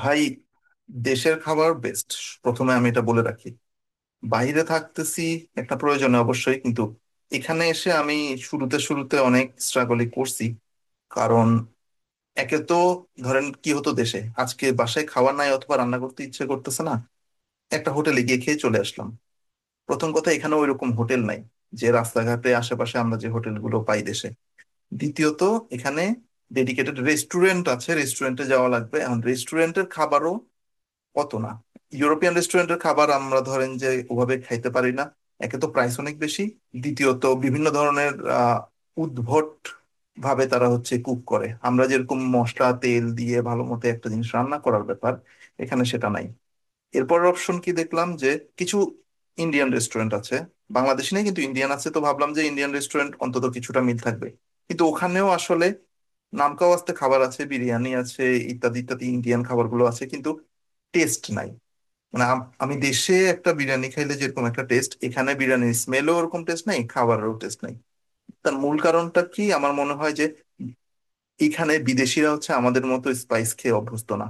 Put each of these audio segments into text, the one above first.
ভাই, দেশের খাবার বেস্ট। প্রথমে আমি এটা বলে রাখি, বাইরে থাকতেছি একটা প্রয়োজনে অবশ্যই, কিন্তু এখানে এসে আমি শুরুতে শুরুতে অনেক স্ট্রাগলই করছি। কারণ একে তো, ধরেন কি হতো, দেশে আজকে বাসায় খাওয়া নাই অথবা রান্না করতে ইচ্ছে করতেছে না, একটা হোটেলে গিয়ে খেয়ে চলে আসলাম। প্রথম কথা, এখানে ওইরকম হোটেল নাই যে রাস্তাঘাটে আশেপাশে আমরা যে হোটেলগুলো পাই দেশে। দ্বিতীয়ত, এখানে ডেডিকেটেড রেস্টুরেন্ট আছে, রেস্টুরেন্টে যাওয়া লাগবে। এখন রেস্টুরেন্টের খাবারও অত না, ইউরোপিয়ান রেস্টুরেন্টের খাবার আমরা ধরেন যে ওভাবে খাইতে পারি না। একে তো প্রাইস অনেক বেশি, দ্বিতীয়ত বিভিন্ন ধরনের আহ, উদ্ভট ভাবে তারা হচ্ছে কুক করে। আমরা যেরকম মশলা তেল দিয়ে ভালো মতো একটা জিনিস রান্না করার ব্যাপার, এখানে সেটা নাই। এরপরের অপশন কি দেখলাম যে, কিছু ইন্ডিয়ান রেস্টুরেন্ট আছে। বাংলাদেশি নেই কিন্তু ইন্ডিয়ান আছে, তো ভাবলাম যে ইন্ডিয়ান রেস্টুরেন্ট অন্তত কিছুটা মিল থাকবে। কিন্তু ওখানেও আসলে নামকাওয়াস্তে খাবার আছে, বিরিয়ানি আছে, ইত্যাদি ইত্যাদি ইন্ডিয়ান খাবারগুলো আছে, কিন্তু টেস্ট নাই। মানে আমি দেশে একটা বিরিয়ানি খাইলে যেরকম একটা টেস্ট, এখানে বিরিয়ানির স্মেলও ওরকম, টেস্ট নাই, খাবারেরও টেস্ট নাই। তার মূল কারণটা কি আমার মনে হয় যে, এখানে বিদেশিরা হচ্ছে আমাদের মতো স্পাইস খেয়ে অভ্যস্ত না।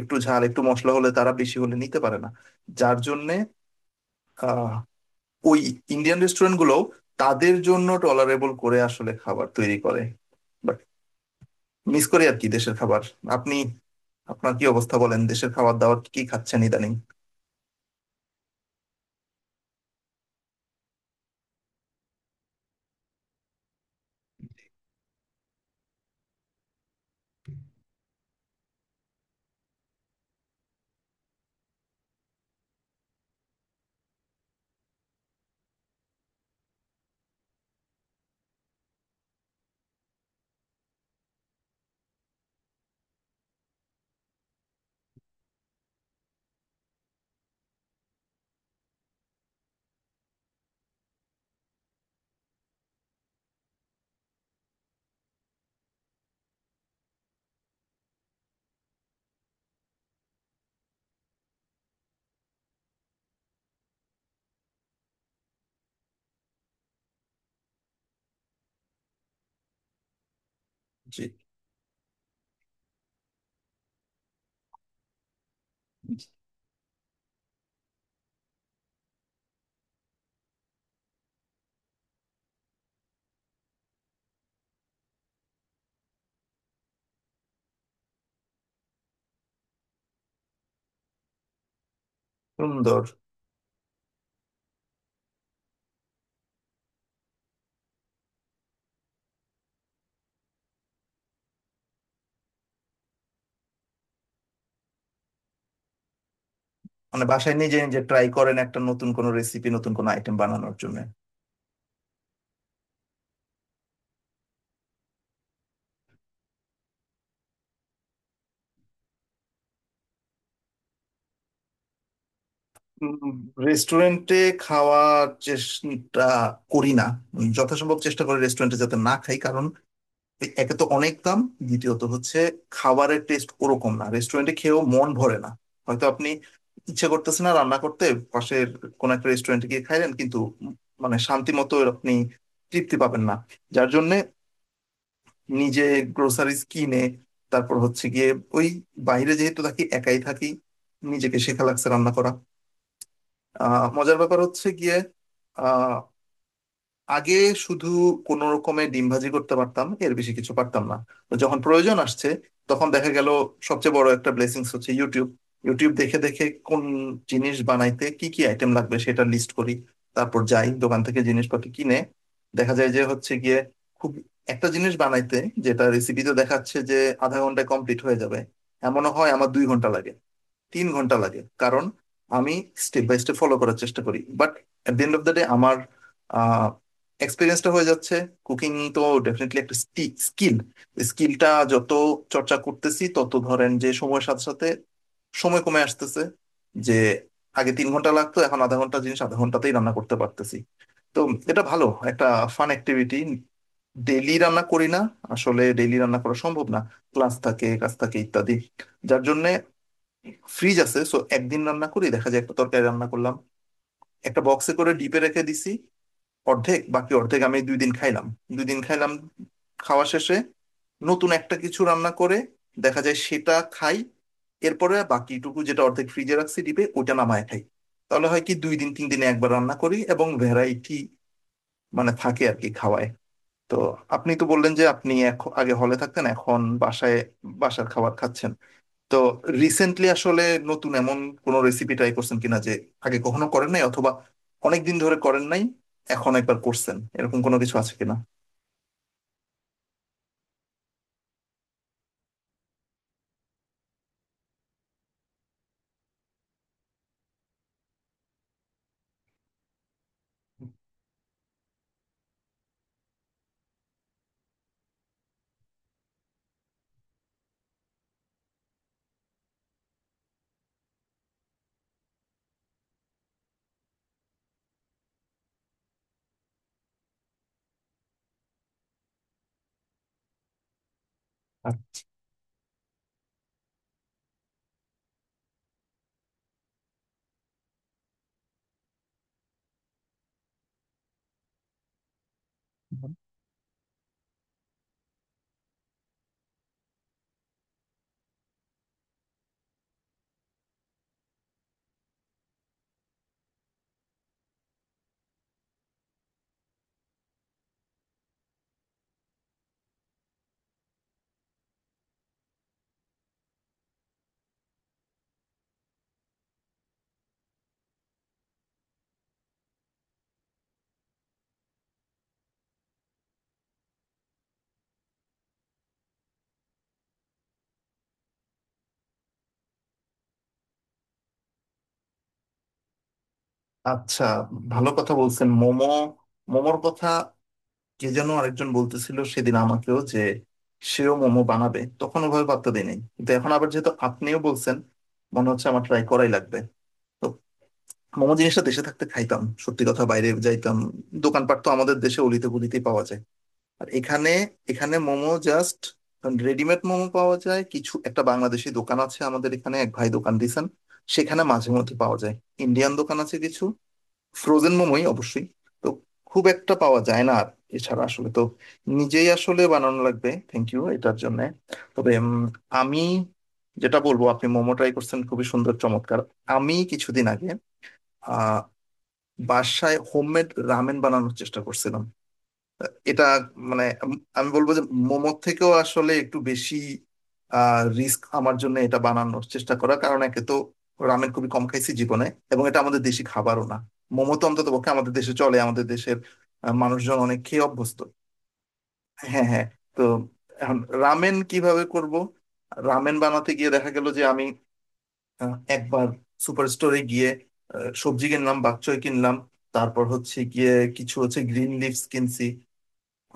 একটু ঝাল একটু মশলা হলে, তারা বেশি হলে নিতে পারে না। যার জন্যে আহ ওই ইন্ডিয়ান রেস্টুরেন্ট গুলো তাদের জন্য টলারেবল করে আসলে খাবার তৈরি করে। বাট মিস করি আর কি দেশের খাবার। আপনি আপনার কি অবস্থা বলেন, দেশের খাবার দাবার কি খাচ্ছেন ইদানিং? জি। সুন্দর। মানে বাসায় নিজে নিজে ট্রাই করেন একটা নতুন কোনো রেসিপি, নতুন কোনো আইটেম বানানোর জন্য? রেস্টুরেন্টে খাওয়ার চেষ্টা করি না। যথাসম্ভব চেষ্টা করি রেস্টুরেন্টে যাতে না খাই। কারণ একে তো অনেক দাম, দ্বিতীয়ত হচ্ছে খাবারের টেস্ট ওরকম না। রেস্টুরেন্টে খেয়েও মন ভরে না। হয়তো আপনি ইচ্ছে করতেছে না রান্না করতে, পাশের কোনো একটা রেস্টুরেন্টে গিয়ে খাইলেন, কিন্তু মানে শান্তি মতো আপনি তৃপ্তি পাবেন না। যার জন্য নিজে গ্রোসারিজ কিনে তারপর হচ্ছে গিয়ে ওই, বাইরে যেহেতু থাকি, একাই থাকি, নিজেকে শেখা লাগছে রান্না করা। মজার ব্যাপার হচ্ছে গিয়ে, আহ আগে শুধু কোনো রকমে ডিম ভাজি করতে পারতাম, এর বেশি কিছু পারতাম না। তো যখন প্রয়োজন আসছে, তখন দেখা গেল সবচেয়ে বড় একটা ব্লেসিংস হচ্ছে ইউটিউব। ইউটিউব দেখে দেখে কোন জিনিস বানাইতে কি কি আইটেম লাগবে, সেটা লিস্ট করি। তারপর যাই দোকান থেকে জিনিসপাতি কিনে। দেখা যায় যে হচ্ছে গিয়ে খুব একটা জিনিস বানাইতে, যেটা রেসিপিতে দেখাচ্ছে যে আধা ঘন্টায় কমপ্লিট হয়ে যাবে, এমনও হয় আমার 2 ঘন্টা লাগে, 3 ঘন্টা লাগে। কারণ আমি স্টেপ বাই স্টেপ ফলো করার চেষ্টা করি। But at the end of the day আমার এক্সপিরিয়েন্সটা হয়ে যাচ্ছে, কুকিং তো ডেফিনেটলি একটা স্কিল। স্কিলটা যত চর্চা করতেছি, তত ধরেন যে সময়ের সাথে সাথে সময় কমে আসতেছে। যে আগে 3 ঘন্টা লাগতো, এখন আধা ঘন্টা জিনিস আধা ঘন্টাতেই রান্না করতে পারতেছি। তো এটা ভালো একটা ফান অ্যাক্টিভিটি। ডেইলি রান্না করি না, আসলে ডেইলি রান্না করা সম্ভব না, ক্লাস থাকে কাজ থাকে ইত্যাদি। যার জন্য ফ্রিজ আছে, সো একদিন রান্না করি, দেখা যায় একটা তরকারি রান্না করলাম, একটা বক্সে করে ডিপে রেখে দিছি অর্ধেক, বাকি অর্ধেক আমি 2 দিন খাইলাম। 2 দিন খাইলাম, খাওয়া শেষে নতুন একটা কিছু রান্না করে দেখা যায় সেটা খাই, এরপরে বাকিটুকু যেটা অর্ধেক ফ্রিজে রাখছি ডিপে, ওটা নামায় খাই। তাহলে হয় কি, দুই দিন তিন দিনে একবার রান্না করি এবং ভ্যারাইটি মানে থাকে আর কি খাওয়ায়। তো, আপনি তো বললেন যে আপনি এখন আগে হলে থাকতেন, এখন বাসায় বাসার খাবার খাচ্ছেন। তো রিসেন্টলি আসলে নতুন এমন কোনো রেসিপি ট্রাই করছেন কিনা যে আগে কখনো করেন নাই অথবা অনেক দিন ধরে করেন নাই, এখন একবার করছেন, এরকম কোনো কিছু আছে কিনা? আচ্ছা আচ্ছা। ভালো কথা বলছেন, মোমো। মোমোর কথা কে যেন আরেকজন বলতেছিল সেদিন আমাকেও, যে সেও মোমো বানাবে। তখন ওভাবে পাত্তা দেয় নাই, কিন্তু এখন আবার যেহেতু আপনিও বলছেন, মনে হচ্ছে আমার ট্রাই করাই লাগবে। তো মোমো জিনিসটা দেশে থাকতে খাইতাম, সত্যি কথা, বাইরে যাইতাম, দোকানপাট তো আমাদের দেশে অলিতে গলিতেই পাওয়া যায়। আর এখানে, এখানে মোমো জাস্ট রেডিমেড মোমো পাওয়া যায়। কিছু একটা বাংলাদেশি দোকান আছে আমাদের এখানে, এক ভাই দোকান দিয়েছেন, সেখানে মাঝে মধ্যে পাওয়া যায়। ইন্ডিয়ান দোকান আছে কিছু, ফ্রোজেন মোমোই অবশ্যই। তো খুব একটা পাওয়া যায় না। আর এছাড়া আসলে তো নিজেই আসলে বানানো লাগবে। থ্যাংক ইউ এটার জন্য। তবে আমি যেটা বলবো, আপনি মোমো ট্রাই করছেন, খুবই সুন্দর, চমৎকার। আমি কিছুদিন আগে আহ বাসায় হোমমেড রামেন বানানোর চেষ্টা করছিলাম। এটা মানে আমি বলবো যে মোমোর থেকেও আসলে একটু বেশি রিস্ক আমার জন্য এটা বানানোর চেষ্টা করা। কারণ একে তো রামেন খুবই কম খাইছি জীবনে, এবং এটা আমাদের দেশি খাবারও না। মোমো তো অন্তত পক্ষে আমাদের দেশে চলে, আমাদের দেশের মানুষজন অনেক খেয়ে অভ্যস্ত। হ্যাঁ হ্যাঁ। তো এখন রামেন কিভাবে করব। রামেন বানাতে গিয়ে দেখা গেল যে আমি একবার সুপার স্টোরে গিয়ে সবজি কিনলাম, বাকচয় কিনলাম, তারপর হচ্ছে গিয়ে কিছু হচ্ছে গ্রিন লিভস কিনছি।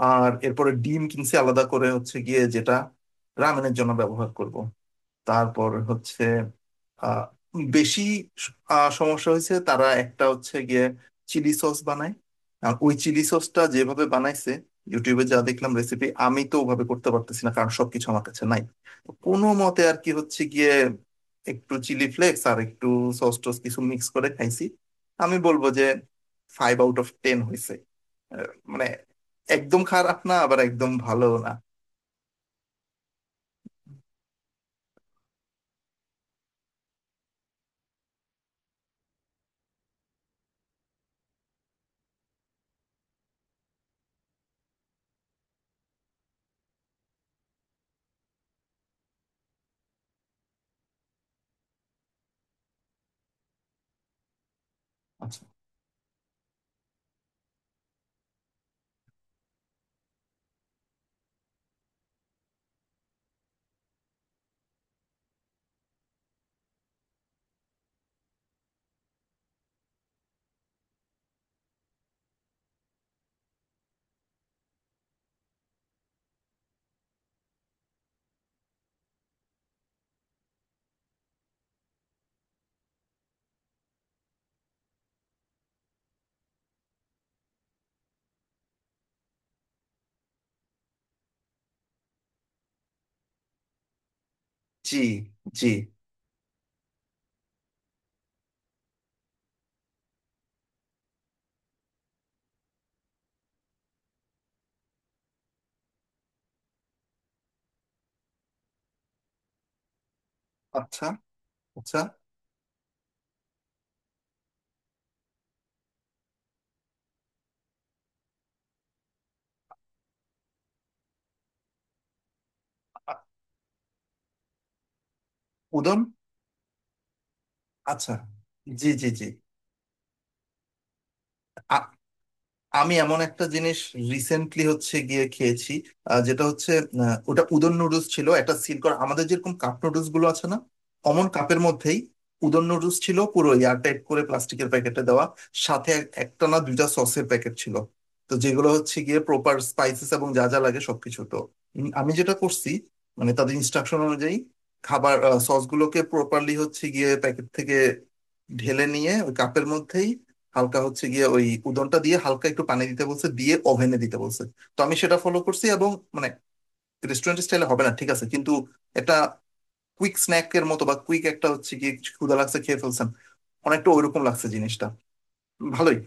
আর এরপরে ডিম কিনছি আলাদা করে হচ্ছে গিয়ে, যেটা রামেনের জন্য ব্যবহার করব। তারপর হচ্ছে আহ বেশি সমস্যা হয়েছে। তারা একটা হচ্ছে গিয়ে চিলি সস বানায়, আর ওই চিলি সসটা যেভাবে বানাইছে ইউটিউবে যা দেখলাম রেসিপি, আমি তো ওভাবে করতে পারতেছি না, কারণ সবকিছু আমার কাছে নাই। তো কোনো মতে আর কি হচ্ছে গিয়ে একটু চিলি ফ্লেক্স আর একটু সস টস কিছু মিক্স করে খাইছি। আমি বলবো যে 5 আউট অফ 10 হয়েছে। আহ, মানে একদম খারাপ না, আবার একদম ভালো না। আচ্ছা। জি জি। আচ্ছা আচ্ছা। আ- উদম। আচ্ছা। জি জি জি। আমি এমন একটা জিনিস রিসেন্টলি হচ্ছে গিয়ে খেয়েছি, যেটা হচ্ছে ওটা উদন নুডলস ছিল, একটা সিল করা, আমাদের যেরকম কাপ নুডলস গুলো আছে না, অমন কাপের মধ্যেই উদন নুডলস ছিল, পুরো এয়ারটাইট করে প্লাস্টিকের প্যাকেটে দেওয়া। সাথে একটা না দুইটা সসের প্যাকেট ছিল। তো যেগুলো হচ্ছে গিয়ে প্রপার স্পাইসেস এবং যা যা লাগে সবকিছু। তো আমি যেটা করছি, মানে তাদের ইনস্ট্রাকশন অনুযায়ী খাবার সসগুলোকে প্রপারলি হচ্ছে গিয়ে প্যাকেট থেকে ঢেলে নিয়ে ওই কাপের মধ্যেই, হালকা হচ্ছে গিয়ে ওই উদনটা দিয়ে, হালকা একটু পানি দিতে বলছে, দিয়ে ওভেনে দিতে বলছে। তো আমি সেটা ফলো করছি, এবং মানে রেস্টুরেন্ট স্টাইলে হবে না ঠিক আছে, কিন্তু একটা কুইক স্ন্যাক এর মতো বা কুইক একটা হচ্ছে গিয়ে কিছু ক্ষুধা লাগছে খেয়ে ফেলছেন, অনেকটা ওইরকম লাগছে জিনিসটা। ভালোই।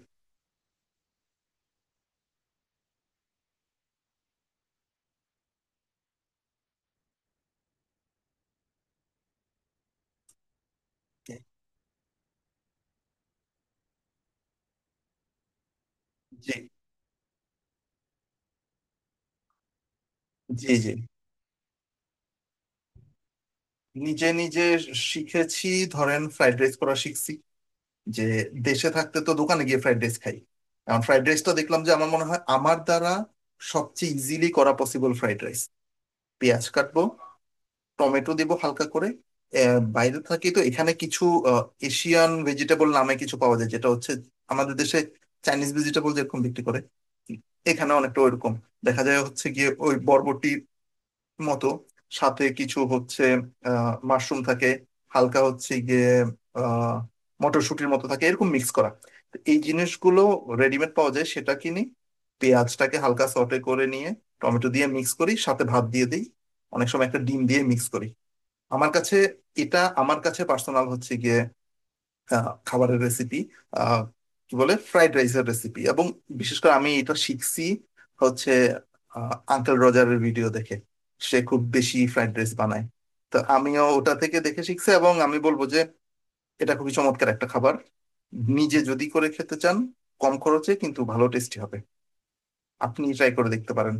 জি জি জি। নিজে নিজে শিখেছি, ধরেন ফ্রাইড রাইস করা শিখছি। যে দেশে থাকতে তো দোকানে গিয়ে ফ্রাইড রাইস খাই, এখন ফ্রাইড রাইসটা দেখলাম যে আমার মনে হয় আমার দ্বারা সবচেয়ে ইজিলি করা পসিবল ফ্রাইড রাইস। পেঁয়াজ কাটবো, টমেটো দেবো হালকা করে। বাইরে থাকি তো এখানে কিছু এশিয়ান ভেজিটেবল নামে কিছু পাওয়া যায়, যেটা হচ্ছে আমাদের দেশে চাইনিজ ভেজিটেবল যেরকম বিক্রি করে, এখানে অনেকটা ওইরকম। দেখা যায় হচ্ছে গিয়ে ওই বরবটির মতো, সাথে কিছু হচ্ছে মাশরুম থাকে, হালকা হচ্ছে গিয়ে আহ মটরশুঁটির মতো থাকে, এরকম মিক্স করা। তো এই জিনিসগুলো রেডিমেড পাওয়া যায়, সেটা কিনি, পেঁয়াজটাকে হালকা সটে করে নিয়ে টমেটো দিয়ে মিক্স করি, সাথে ভাত দিয়ে দিই, অনেক সময় একটা ডিম দিয়ে মিক্স করি। আমার কাছে এটা আমার কাছে পার্সোনাল হচ্ছে গিয়ে খাবারের রেসিপি, আহ কি বলে ফ্রাইড রাইসের রেসিপি। এবং বিশেষ করে আমি এটা শিখছি হচ্ছে আঙ্কেল রোজারের ভিডিও দেখে, সে খুব বেশি ফ্রাইড রাইস বানায়। তো আমিও ওটা থেকে দেখে শিখছি, এবং আমি বলবো যে এটা খুবই চমৎকার একটা খাবার। নিজে যদি করে খেতে চান কম খরচে কিন্তু ভালো টেস্টি হবে, আপনি ট্রাই করে দেখতে পারেন